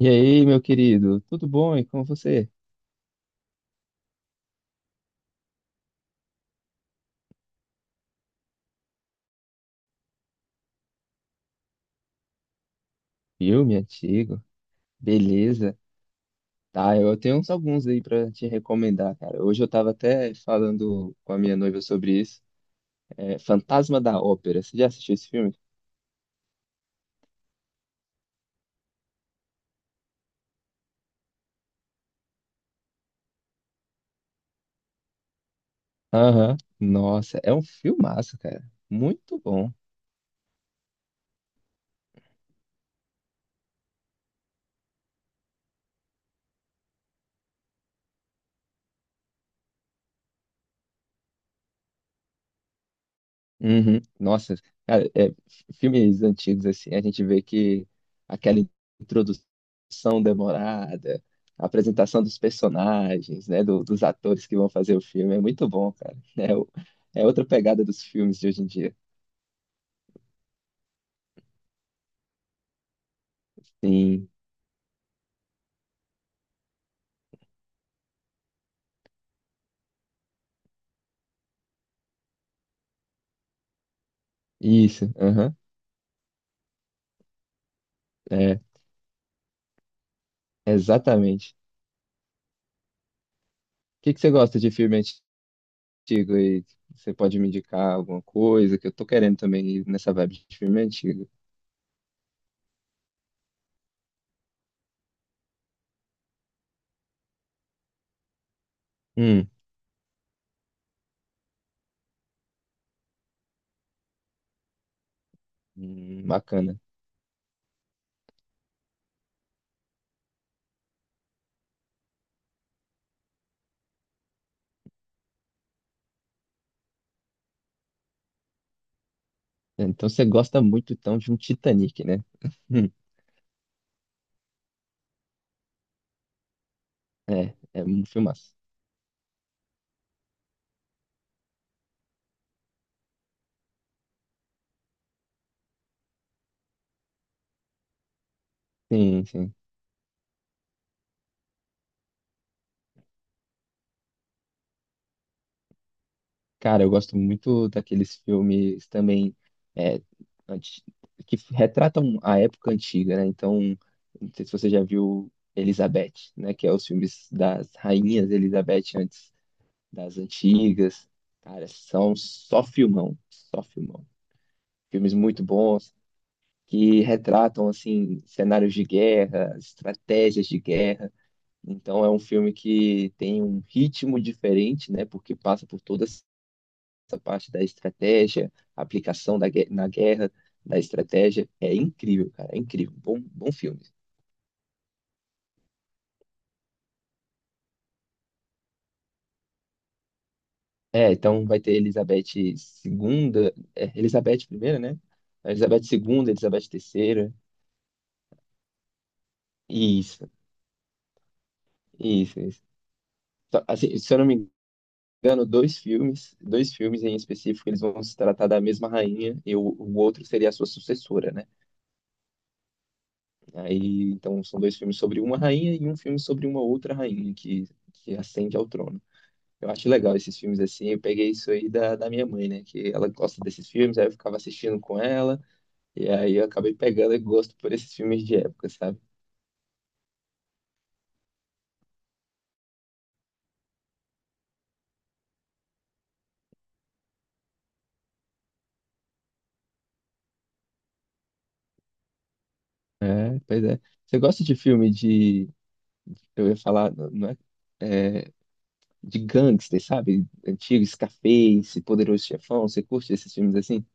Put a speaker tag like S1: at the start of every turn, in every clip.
S1: E aí, meu querido, tudo bom? E com você? Filme antigo, beleza? Tá, eu tenho uns alguns aí pra te recomendar, cara. Hoje eu tava até falando com a minha noiva sobre isso. É Fantasma da Ópera. Você já assistiu esse filme? Aham. Nossa, é um filmaço, cara. Muito bom. Uhum. Nossa, cara, é, filmes antigos assim, a gente vê que aquela introdução demorada, a apresentação dos personagens, né, dos atores que vão fazer o filme é muito bom, cara. É, o- é outra pegada dos filmes de hoje em dia. Sim, isso, aham, é, exatamente. O que você gosta de filme antigo aí? Você pode me indicar alguma coisa que eu tô querendo também ir nessa vibe de filme antigo? Hum, bacana. Então você gosta muito então de um Titanic, né? Hum, é, é um filmaço. Sim, sim. Cara, eu gosto muito daqueles filmes também é, anti- que retratam a época antiga, né? Então, não sei se você já viu Elizabeth, né? Que é os filmes das rainhas Elizabeth antes das antigas. Cara, são só filmão, só filmão. Filmes muito bons que retratam, assim, cenários de guerra, estratégias de guerra. Então é um filme que tem um ritmo diferente, né? Porque passa por toda essa parte da estratégia, aplicação da, gue- na guerra, da estratégia. É incrível, cara, é incrível. Bom, bom filme. É, então vai ter Elizabeth segunda, é, Elizabeth primeira, né? Elizabeth segunda, Elizabeth terceira. Isso, isso, isso. Só- assim, se eu não me engano, dois filmes em específico, eles vão se tratar da mesma rainha e o outro seria a sua sucessora, né? Aí, então, são dois filmes sobre uma rainha e um filme sobre uma outra rainha que ascende ao trono. Eu acho legal esses filmes assim. Eu peguei isso aí da minha mãe, né? Que ela gosta desses filmes, aí eu ficava assistindo com ela, e aí eu acabei pegando e gosto por esses filmes de época, sabe? É, pois é. Você gosta de filme de. Eu ia falar, não é? É, de gangster, sabe? Antigo, Scarface, Poderoso Chefão. Você curte esses filmes assim?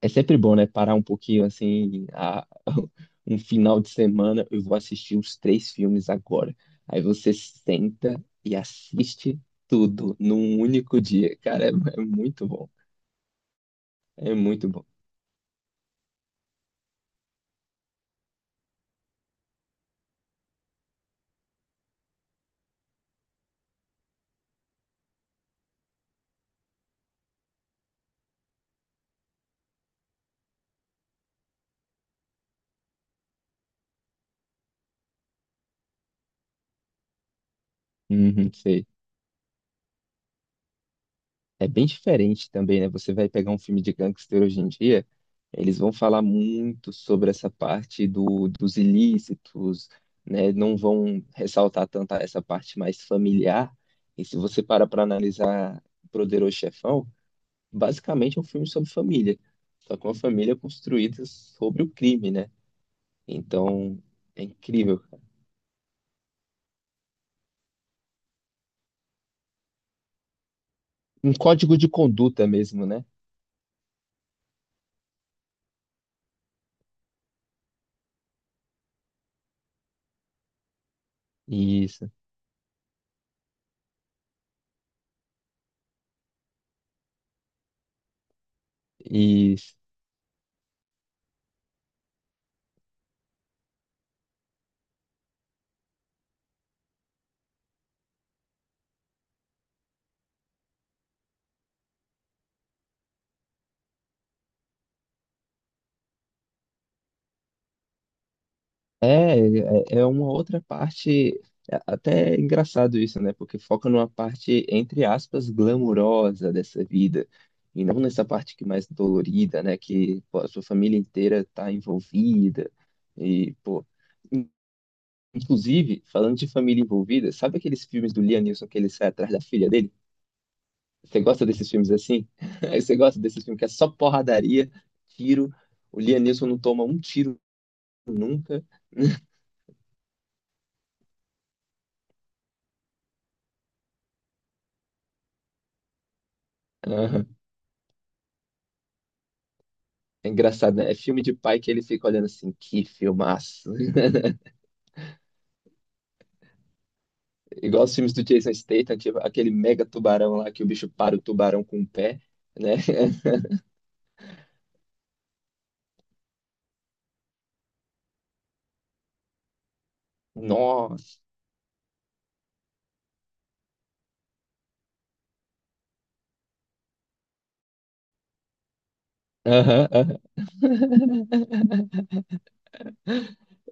S1: É sempre bom, né? Parar um pouquinho assim, a- um final de semana, eu vou assistir os três filmes agora. Aí você senta e assiste tudo num único dia. Cara, é, é muito bom. É muito bom. Uhum, sei. É bem diferente também, né? Você vai pegar um filme de gangster hoje em dia, eles vão falar muito sobre essa parte dos ilícitos, né? Não vão ressaltar tanto essa parte mais familiar. E se você para analisar Poderoso Chefão, basicamente é um filme sobre família, só que uma família construída sobre o crime, né? Então, é incrível, cara. Um código de conduta mesmo, né? Isso. E é, é é uma outra parte, é até engraçado isso, né? Porque foca numa parte, entre aspas, glamurosa dessa vida, e não nessa parte que é mais dolorida, né? Que pô, a sua família inteira tá envolvida, e, pô... in- Inclusive, falando de família envolvida, sabe aqueles filmes do Liam Neeson que ele sai atrás da filha dele? Você gosta desses filmes assim? Você gosta desses filmes que é só porradaria, tiro, o Liam Neeson não toma um tiro nunca. É engraçado, né? É filme de pai que ele fica olhando assim, que filmaço. Igual os filmes do Jason Statham, tipo, aquele mega tubarão lá que o bicho para o tubarão com o pé, né? Nossa. Aham, aham.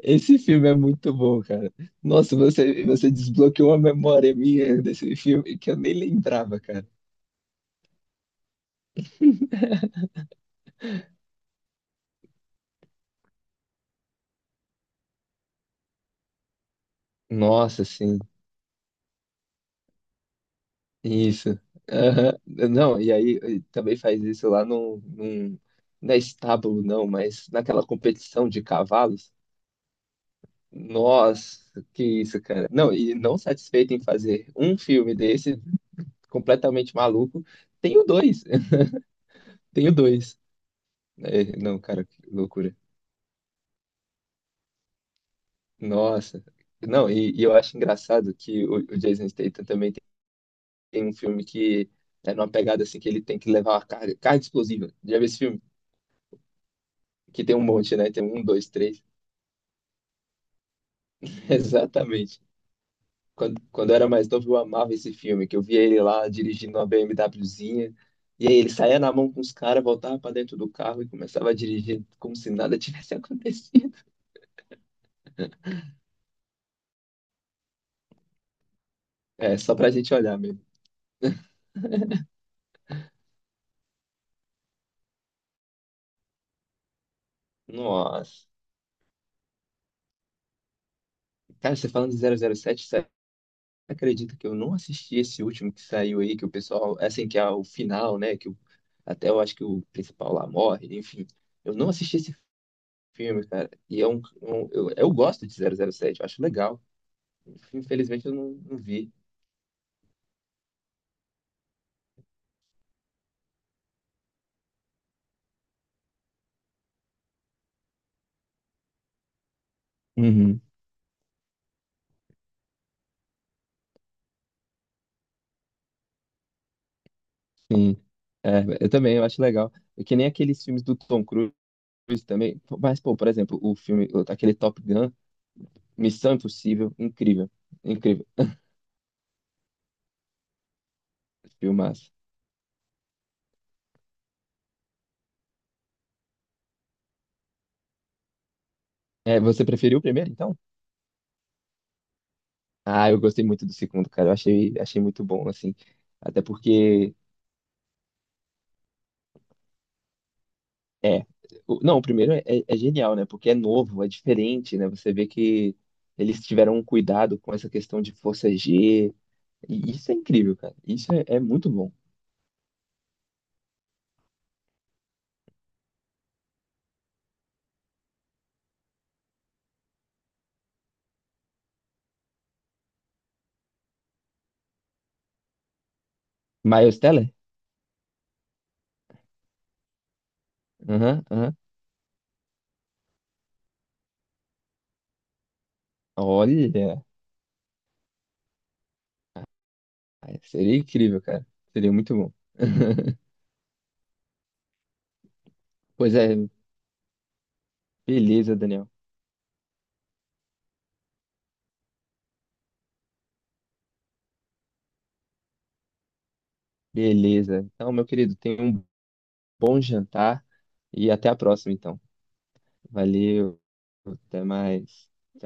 S1: Esse filme é muito bom, cara. Nossa, você desbloqueou a memória minha desse filme que eu nem lembrava, cara. Nossa, sim. Isso. Aham. Não, e aí e também faz isso lá num, não é estábulo, não, mas naquela competição de cavalos. Nossa, que isso, cara. Não, e não satisfeito em fazer um filme desse, completamente maluco, tenho dois. Tenho dois. É, não, cara, que loucura. Nossa. Não, e eu acho engraçado que o Jason Statham também tem, tem um filme que é numa pegada assim que ele tem que levar uma carga, carga explosiva. Já vi esse filme? Que tem um monte, né? Tem um, dois, três. Exatamente. Quando eu era mais novo, eu amava esse filme, que eu via ele lá dirigindo uma BMWzinha. E aí ele saía na mão com os caras, voltava pra dentro do carro e começava a dirigir como se nada tivesse acontecido. É, só pra gente olhar mesmo. Nossa. Cara, você falando de 007, você acredita que eu não assisti esse último que saiu aí, que o pessoal, assim, que é o final, né? Que o- até eu acho que o principal lá morre, enfim. Eu não assisti esse filme, cara. E é um, um- eu gosto de 007, eu acho legal. Infelizmente eu não, não vi. Uhum. Sim, é, eu também, eu acho legal. É que nem aqueles filmes do Tom Cruise também. Mas, pô, por exemplo, o filme, o- aquele Top Gun, Missão Impossível, incrível, incrível, filmaço. É, você preferiu o primeiro, então? Ah, eu gostei muito do segundo, cara. Eu achei, achei muito bom, assim. Até porque, é, o- não, o primeiro é, é é genial, né? Porque é novo, é diferente, né? Você vê que eles tiveram um cuidado com essa questão de força G. E isso é incrível, cara. Isso é, é muito bom. Miles Teller? Aham, aham. Olha, aí seria incrível, cara. Seria muito bom. Pois é, beleza, Daniel. Beleza. Então, meu querido, tenha um bom jantar e até a próxima, então. Valeu, até mais.